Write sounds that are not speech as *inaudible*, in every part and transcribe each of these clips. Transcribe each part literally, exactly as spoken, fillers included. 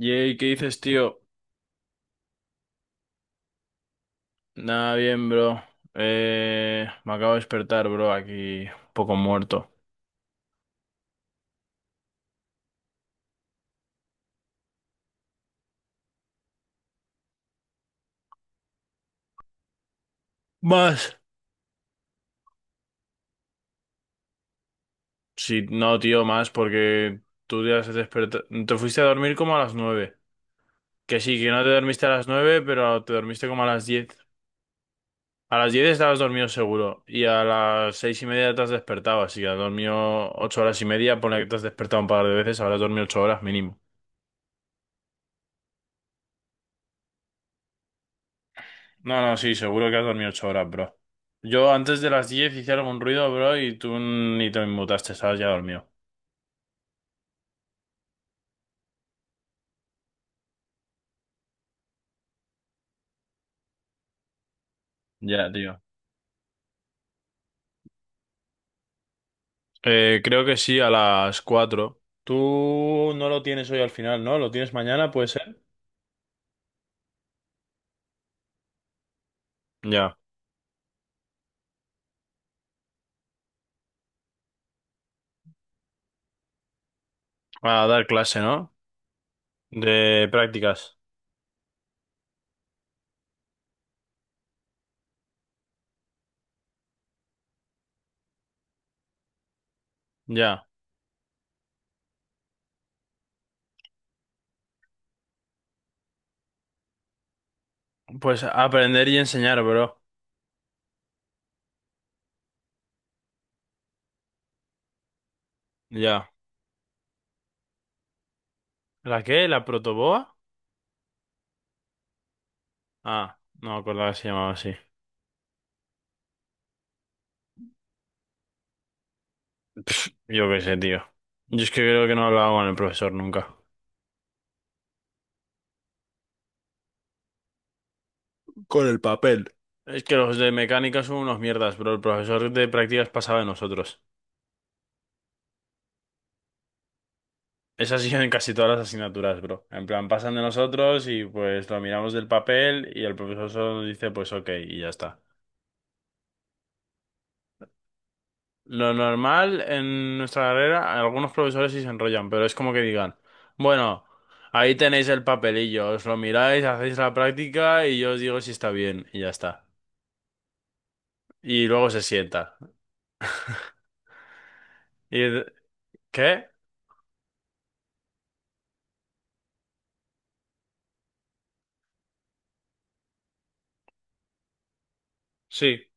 Jay, ¿qué dices, tío? Nada bien, bro. Eh, me acabo de despertar, bro, aquí un poco muerto. ¿Más? Sí, no, tío, más, porque tú te has despertado. Te fuiste a dormir como a las nueve. Que sí, que no te dormiste a las nueve, pero te dormiste como a las diez. A las diez estabas dormido seguro. Y a las seis y media te has despertado, así que has dormido ocho horas y media. Ponle que te has despertado un par de veces, habrás dormido ocho horas mínimo. No, no, sí, seguro que has dormido ocho horas, bro. Yo antes de las diez hice algún ruido, bro, y tú ni te inmutaste, estabas ya dormido. Ya, tío. Eh, creo que sí, a las cuatro. Tú no lo tienes hoy al final, ¿no? ¿Lo tienes mañana, puede ser? Ya. A dar clase, ¿no? De prácticas. Ya. Pues aprender y enseñar, bro. Ya. ¿La qué? ¿La protoboa? Ah, no me acordaba que se llamaba así. Pff, yo qué sé, tío. Yo es que creo que no hablaba con el profesor nunca. Con el papel. Es que los de mecánica son unos mierdas, bro. El profesor de prácticas pasaba de nosotros. Es así en casi todas las asignaturas, bro. En plan, pasan de nosotros y pues lo miramos del papel y el profesor solo nos dice pues ok y ya está. Lo normal en nuestra carrera, algunos profesores sí se enrollan, pero es como que digan, bueno, ahí tenéis el papelillo, os lo miráis, hacéis la práctica y yo os digo si está bien y ya está. Y luego se sienta. ¿Y qué? Sí,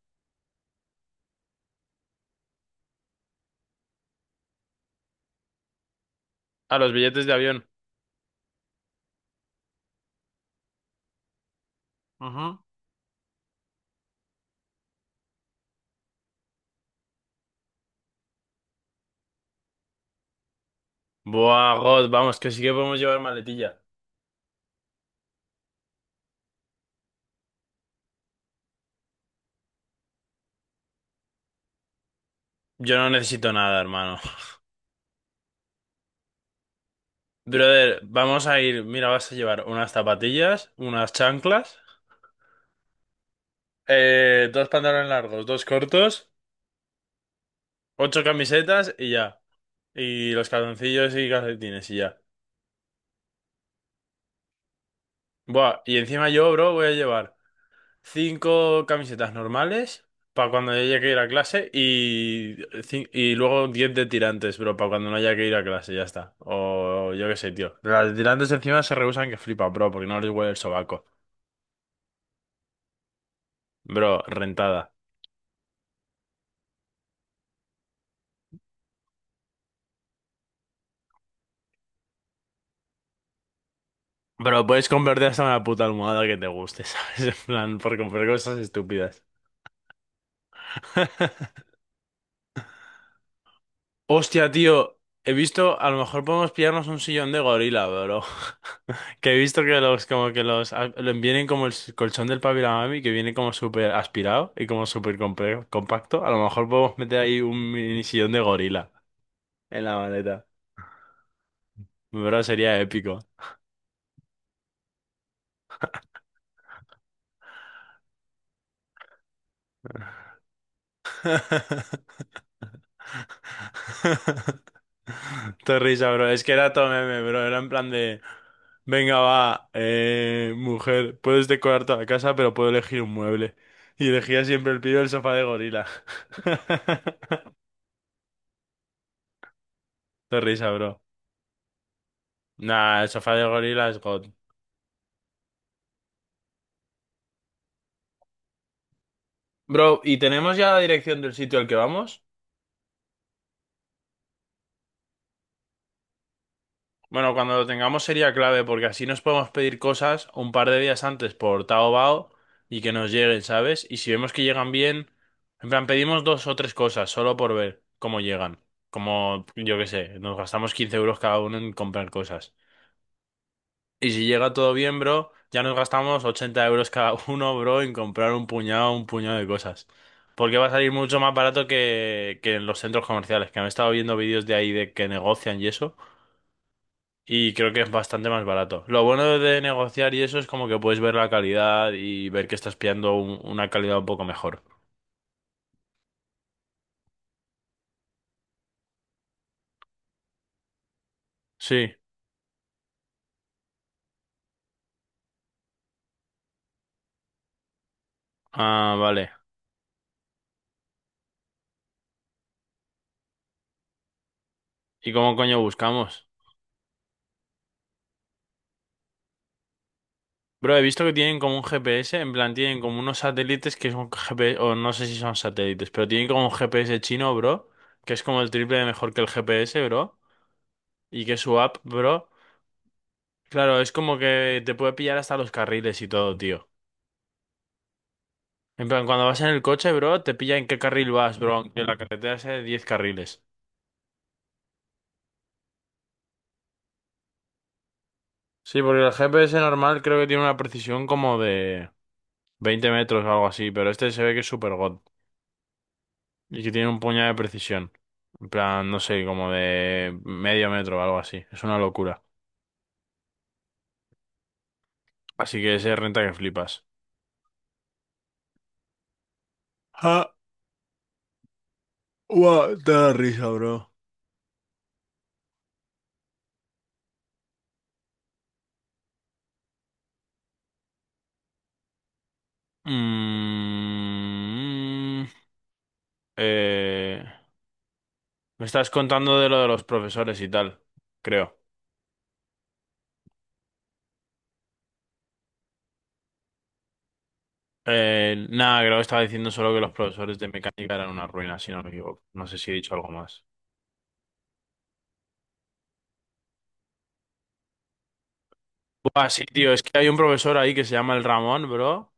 a los billetes de avión. Ujú. Buah, God, vamos, que sí que podemos llevar maletilla. Yo no necesito nada, hermano. Brother, vamos a ir. Mira, vas a llevar unas zapatillas, unas chanclas, eh, dos pantalones largos, dos cortos, ocho camisetas y ya. Y los calzoncillos y calcetines y ya. Buah, y encima yo, bro, voy a llevar cinco camisetas normales para cuando haya que ir a clase y, cin- y luego diez de tirantes, bro, para cuando no haya que ir a clase, ya está. O yo qué sé, tío. Las de tirantes encima se rehusan que flipa, bro, porque no les huele el sobaco. Bro, rentada. Bro, puedes convertir hasta una puta almohada que te guste, *laughs* ¿sabes? En plan, por comprar cosas estúpidas. *laughs* Hostia, tío, he visto, a lo mejor podemos pillarnos un sillón de gorila, bro. *laughs* Que he visto que los, como que los, a- lo- vienen como el s- colchón del papi y la mami, que viene como súper aspirado y como súper compre- compacto. A lo mejor podemos meter ahí un mini sillón de gorila en la maleta. Bro, sería épico. *laughs* *laughs* Te risa, bro. Es que era todo meme, bro. Era en plan de. Venga, va, eh, mujer, puedes decorar toda la casa, pero puedo elegir un mueble. Y elegía siempre el pibe el sofá de gorila. *laughs* Te risa, bro. Nah, el sofá de gorila es God. Bro, ¿y tenemos ya la dirección del sitio al que vamos? Bueno, cuando lo tengamos sería clave porque así nos podemos pedir cosas un par de días antes por Taobao y que nos lleguen, ¿sabes? Y si vemos que llegan bien, en plan, pedimos dos o tres cosas solo por ver cómo llegan. Como, yo qué sé, nos gastamos quince euros cada uno en comprar cosas. Y si llega todo bien, bro, ya nos gastamos ochenta euros cada *laughs* uno, bro, en comprar un puñado, un puñado de cosas. Porque va a salir mucho más barato que, que en los centros comerciales, que me he estado viendo vídeos de ahí de que negocian y eso. Y creo que es bastante más barato. Lo bueno de negociar y eso es como que puedes ver la calidad y ver que estás pillando un- una calidad un poco mejor. Sí. Ah, vale. ¿Y cómo coño buscamos? Bro, he visto que tienen como un G P S, en plan tienen como unos satélites que son G P S, o no sé si son satélites, pero tienen como un G P S chino, bro, que es como el triple de mejor que el G P S, bro, y que su app, bro, claro, es como que te puede pillar hasta los carriles y todo, tío. En plan, cuando vas en el coche, bro, te pilla en qué carril vas, bro, aunque la carretera sea de diez carriles. Sí, porque el G P S normal creo que tiene una precisión como de veinte metros o algo así, pero este se ve que es super god y que tiene un puñado de precisión. En plan, no sé, como de medio metro o algo así. Es una locura. Así que ese renta que flipas. Ah, la risa, bro. Mm, eh, Me estás contando de lo de los profesores y tal, creo. Eh, nada, creo que estaba diciendo solo que los profesores de mecánica eran una ruina, si no me equivoco. No sé si he dicho algo más. Buah, sí, tío, es que hay un profesor ahí que se llama el Ramón, bro.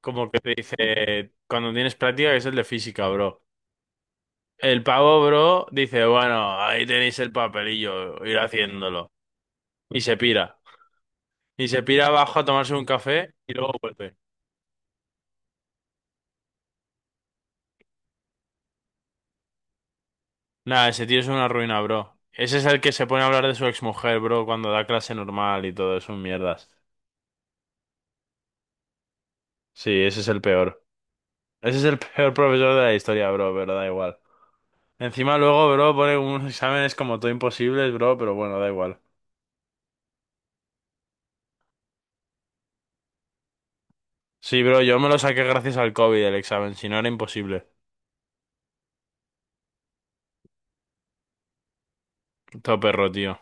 Como que te dice, cuando tienes práctica, que es el de física, bro. El pavo, bro, dice, bueno, ahí tenéis el papelillo, ir haciéndolo. Y se pira. Y se pira abajo a tomarse un café y luego vuelve. Nada, ese tío es una ruina, bro. Ese es el que se pone a hablar de su exmujer, bro, cuando da clase normal y todo, es un mierdas. Sí, ese es el peor. Ese es el peor profesor de la historia, bro, pero da igual. Encima luego, bro, pone unos exámenes como todo imposibles, bro, pero bueno, da igual. Sí, bro, yo me lo saqué gracias al COVID el examen, si no era imposible. Todo perro, tío.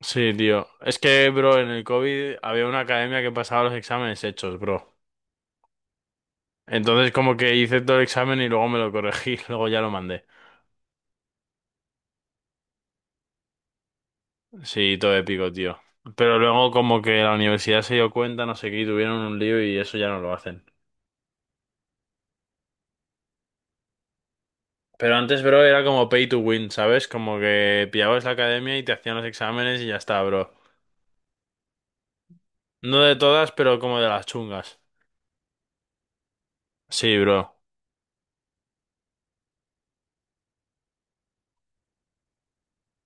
Sí, tío. Es que, bro, en el COVID había una academia que pasaba los exámenes hechos, bro. Entonces como que hice todo el examen y luego me lo corregí, *laughs* luego ya lo mandé. Sí, todo épico, tío. Pero luego como que la universidad se dio cuenta, no sé qué, y tuvieron un lío y eso ya no lo hacen. Pero antes, bro, era como pay to win, ¿sabes? Como que pillabas la academia y te hacían los exámenes y ya está, bro. No de todas, pero como de las chungas. Sí, bro.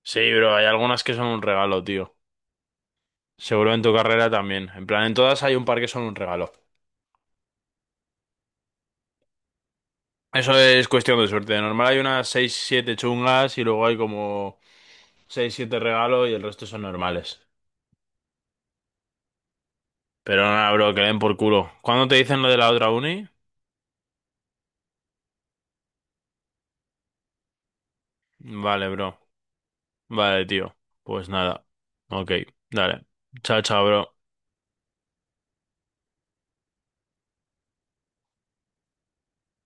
Sí, bro, hay algunas que son un regalo, tío. Seguro en tu carrera también. En plan, en todas hay un par que son un regalo. Eso es cuestión de suerte. De normal hay unas seis siete chungas y luego hay como seis siete regalos y el resto son normales. Pero nada, bro, que le den por culo. ¿Cuándo te dicen lo de la otra uni? Vale, bro. Vale, tío. Pues nada. Ok, dale. Chao, chao, bro.